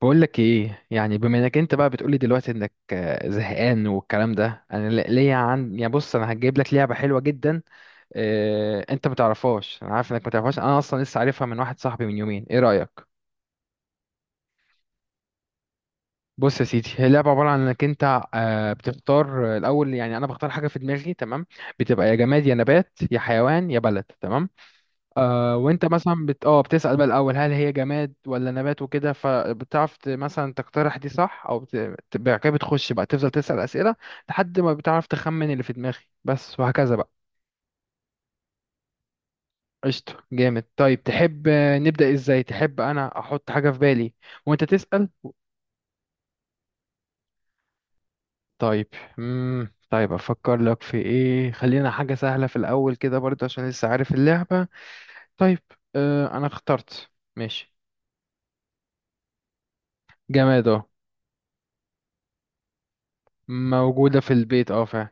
بقول لك ايه؟ يعني بما انك انت بقى بتقولي دلوقتي انك زهقان والكلام ده، انا ليا عن، يعني بص، انا هجيب لك لعبه حلوه جدا. اه... انت ما تعرفهاش، انا عارف انك ما تعرفهاش، انا اصلا لسه عارفها من واحد صاحبي من يومين. ايه رايك؟ بص يا سيدي، هي لعبه عباره عن انك انت بتختار الاول، يعني انا بختار حاجه في دماغي، تمام. بتبقى يا جماد يا نبات يا حيوان يا بلد، تمام. وانت مثلا بت... اه بتسأل بقى الأول هل هي جماد ولا نبات وكده، فبتعرف مثلا تقترح دي صح، أو بعد كده بتخش بقى تفضل تسأل أسئلة. لحد ما بتعرف تخمن اللي في دماغي، بس وهكذا بقى. قشطة، جامد. طيب تحب نبدأ ازاي؟ تحب أنا أحط حاجة في بالي وانت تسأل؟ طيب. مم. طيب أفكر لك في ايه؟ خلينا حاجة سهلة في الأول كده برضه عشان لسه عارف اللعبة. طيب. أنا اخترت. ماشي. جماد، اه. موجودة في البيت، اه فعلا.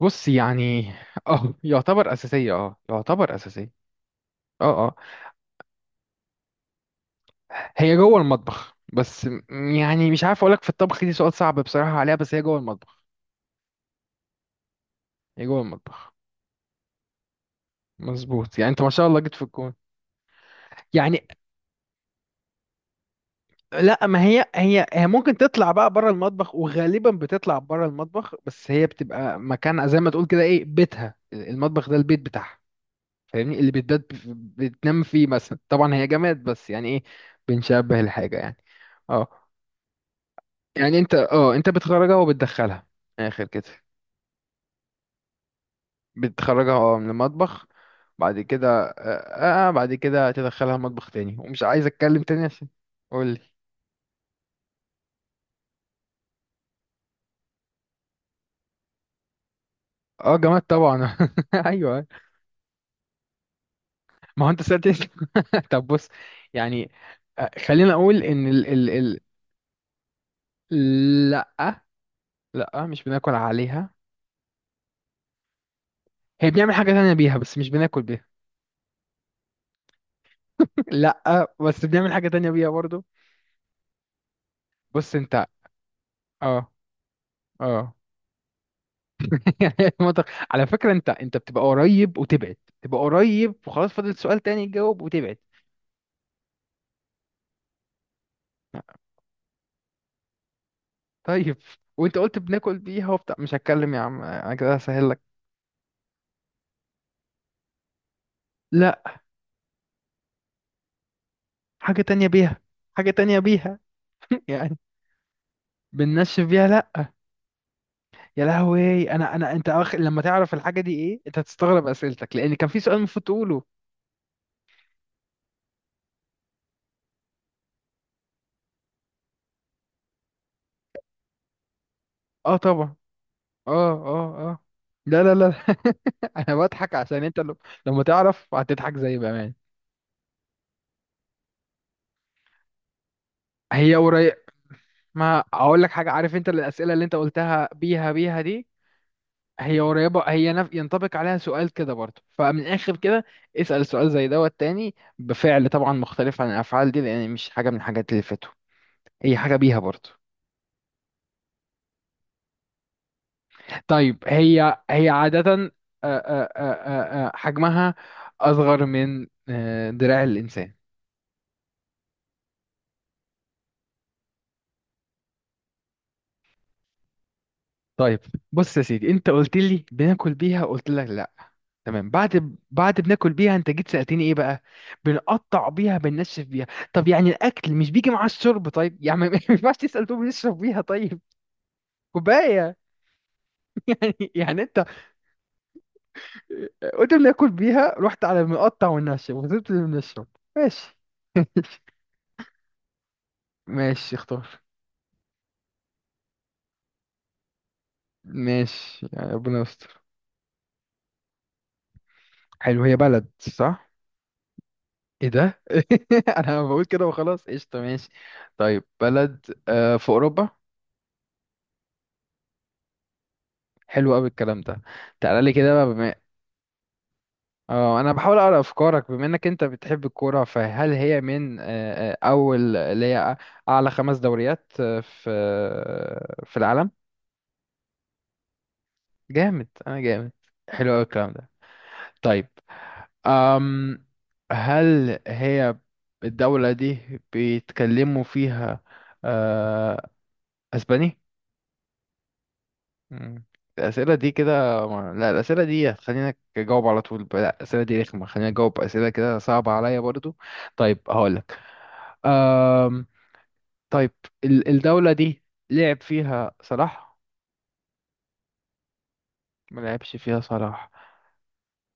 بص يعني، اه يعتبر اساسيه، اه يعتبر اساسيه. اه، اه. هي جوه المطبخ بس يعني مش عارف اقول لك في الطبخ، دي سؤال صعب بصراحه عليها، بس هي جوه المطبخ. هي جوه المطبخ. مظبوط، يعني انت ما شاء الله جيت في الكون. يعني. لا، ما هي ممكن تطلع بقى بره المطبخ، وغالبا بتطلع بره المطبخ، بس هي بتبقى مكان زي ما تقول كده ايه، بيتها المطبخ، ده البيت بتاعها. فاهمني؟ اللي بتبات بتنام فيه مثلا، طبعا هي جماد بس يعني ايه، بنشبه الحاجه يعني. اه. يعني انت انت بتخرجها وبتدخلها. من الاخر كده. بتخرجها، اه، من المطبخ. بعد كده تدخلها مطبخ تاني، ومش عايز اتكلم تاني عشان. قول لي. اه جماد طبعا ايوه. ما هو انت سألت. طب بص، يعني خلينا اقول ان ال... لا، لا، مش بناكل عليها. هي بنعمل حاجة تانية بيها، بس مش بناكل بيها. لا، بس بنعمل حاجة تانية بيها برضو. بص انت. اه، اه. يعني المنطق. على فكرة انت بتبقى قريب وتبعد. تبقى قريب وخلاص، فاضل سؤال تاني تجاوب وتبعد. طيب. وانت قلت بناكل بيها وبتاع مش هتكلم يا عم، انا كده هسهل لك. لا، حاجة تانية بيها. حاجة تانية بيها. يعني. بننشف بيها؟ لا. يا لهوي، انا انا انت لما تعرف الحاجة دي ايه انت هتستغرب اسئلتك، لان كان في سؤال المفروض تقوله. اه طبعا. اه، اه، اه. لا، لا، لا. انا بضحك عشان انت لما تعرف هتضحك زي بأمان. هي قريب. ما اقول لك حاجه، عارف انت الاسئله اللي انت قلتها بيها دي. هي قريبه، هي ينطبق عليها سؤال كده برضه، فمن الاخر كده اسال سؤال زي دوت تاني بفعل، طبعا مختلف عن الافعال دي، لان مش حاجه من الحاجات اللي فاتوا، هي حاجه بيها برضه. طيب، هي هي عاده آه، حجمها اصغر من دراع الانسان. طيب، بص يا سيدي، انت قلت لي بناكل بيها، قلت لك لا. تمام، بعد بناكل بيها انت جيت سألتني ايه بقى؟ بنقطع بيها، بننشف بيها. طب يعني الاكل مش بيجي مع الشرب طيب، يعني ما ما ينفعش تسأل تقول بنشرب بيها، طيب. كوباية. يعني انت قلت بناكل بيها، رحت على بنقطع وننشف، وسبت اللي بنشرب. ماشي. ماشي، اختار. ماشي، يعني ربنا يستر. حلو، هي بلد صح؟ ايه ده؟ انا بقول كده وخلاص، قشطة، ماشي. طيب، بلد في اوروبا؟ حلو قوي الكلام ده. تعالى لي كده بقى، بما. اه، انا بحاول اقرا افكارك، بما انك انت بتحب الكوره فهل هي من اول اللي هي اعلى خمس دوريات في في العالم؟ جامد، انا جامد. حلو قوي الكلام ده. طيب. أم هل هي الدولة دي بيتكلموا فيها آه، اسباني؟ مم. الأسئلة دي كده، ما... لا، الأسئلة دي خلينا أجاوب على طول، لا الأسئلة دي رخمة، خلينا أجاوب أسئلة كده صعبة عليا برضو. طيب هقولك. أم... طيب، الدولة دي لعب فيها صلاح؟ ما لعبش فيها صلاح؟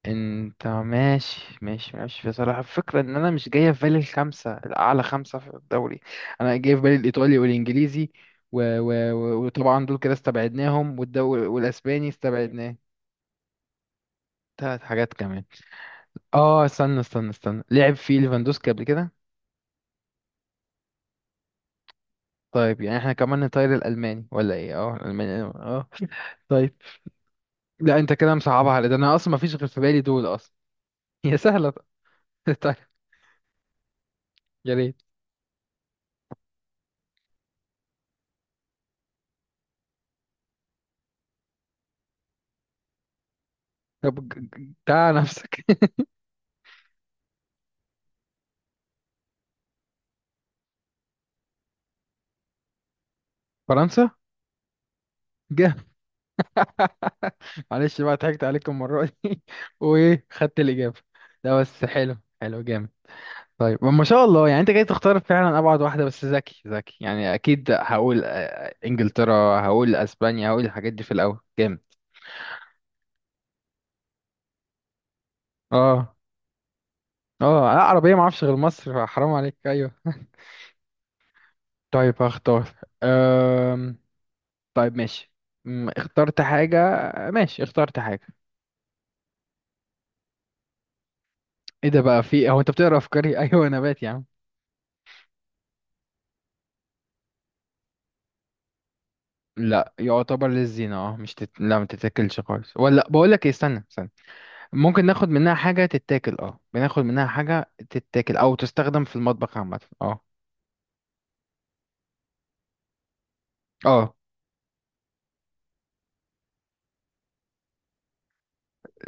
انت ماشي ماشي ماشي، فيها صلاح، الفكرة ان انا مش جاية في بالي الخمسة الاعلى خمسة في الدوري. انا جاي في بالي الايطالي والانجليزي وطبعا دول كده استبعدناهم، والاسباني استبعدناه. تلات حاجات كمان. اه، استنى استنى استنى، لعب فيه ليفاندوسكي قبل كده؟ طيب يعني احنا كمان نطير الالماني ولا ايه؟ اه الالماني، اه. طيب. لا، انت كده مصعبها على، ده انا اصلا ما فيش غير في بالي دول اصلا. هي سهله. طيب. يا ريت. طب تعال نفسك. فرنسا. جه. معلش بقى، ضحكت عليكم المره دي وايه، خدت الاجابه؟ لا بس، حلو حلو جامد. طيب ما شاء الله، يعني انت جاي تختار فعلا ابعد واحده، بس ذكي ذكي يعني اكيد هقول انجلترا، هقول اسبانيا، هقول الحاجات دي في الاول، جامد. اه. اه لا، عربيه ما اعرفش غير مصر، حرام عليك، ايوه. طيب هختار. أم... طيب ماشي. اخترت حاجه. ماشي، اخترت حاجه. ايه ده بقى، في هو انت بتقرا افكاري؟ ايوه، نبات يا عم. لا، يعتبر للزينه، اه مش لا، ما تتاكلش خالص، ولا بقول لك ايه، استنى استنى. ممكن ناخد منها حاجة تتاكل، اه، بناخد منها حاجة تتاكل او تستخدم في المطبخ عامة، اه. اه.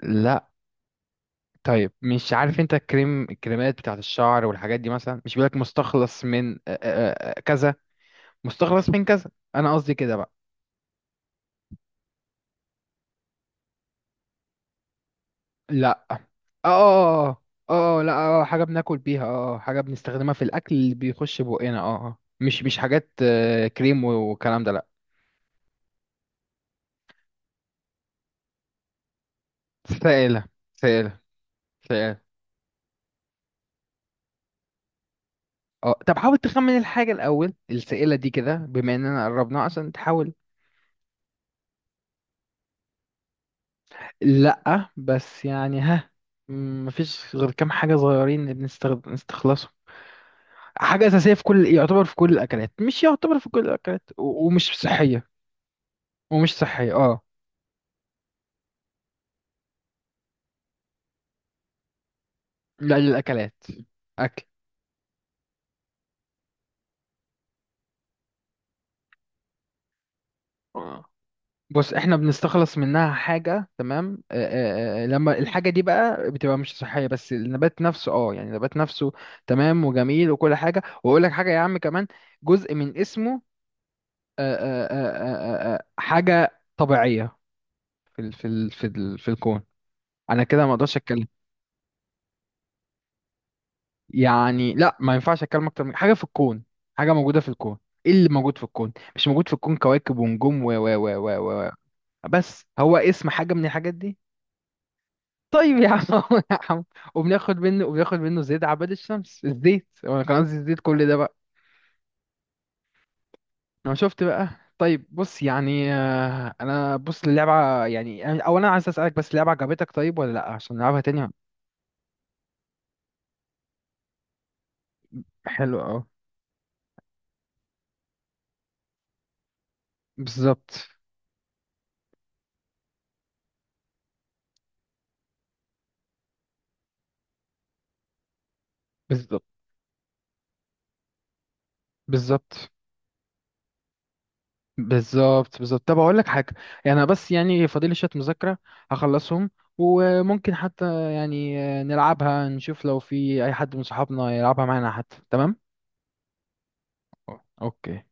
لا. طيب، مش عارف انت الكريم، الكريمات بتاعت الشعر والحاجات دي مثلا مش بيقولك مستخلص من كذا. مستخلص من كذا، انا قصدي كده بقى. لا. اه، اه، اه. لا. اه حاجة بناكل بيها، اه، حاجة بنستخدمها في الاكل اللي بيخش بقنا، اه، اه، مش حاجات كريم والكلام ده، لا. سائلة. سائلة. سائلة. اه، طب حاول تخمن الحاجة الأول السائلة دي كده بما إننا قربناها عشان تحاول. لأ بس يعني، ها، مفيش غير كام حاجة صغيرين بنستخلصهم. حاجة أساسية في كل، يعتبر في كل الأكلات، مش يعتبر في كل الأكلات، ومش صحية. ومش صحية، اه. لا، للأكلات. أكل. بص، احنا بنستخلص منها حاجة، تمام، لما الحاجة دي بقى بتبقى مش صحية، بس النبات نفسه، اه يعني النبات نفسه، تمام وجميل وكل حاجة، واقول لك حاجة يا عم كمان، جزء من اسمه حاجة طبيعية في الكون. انا كده ما اقدرش اتكلم. يعني لا، ما ينفعش اتكلم اكتر من حاجة في الكون. حاجة موجودة في الكون. ايه اللي موجود في الكون؟ مش موجود في الكون كواكب ونجوم و... بس هو اسم حاجة من الحاجات دي. طيب يا عم يا عم. وبناخد منه زيت عباد الشمس، الزيت، وانا كان قصدي الزيت كل ده بقى. انا شفت بقى. طيب بص، يعني انا بص اللعبة، يعني اولا عايز اسالك بس اللعبة عجبتك طيب ولا لا، عشان نلعبها تاني؟ حلو، اه. بالظبط. بالظبط. بالظبط. بالظبط. بالظبط. طب اقول لك حاجة، يعني انا بس، يعني فاضل لي شوية مذاكرة هخلصهم، وممكن حتى يعني نلعبها نشوف لو في اي حد من صحابنا يلعبها معانا حتى، تمام. أوكي.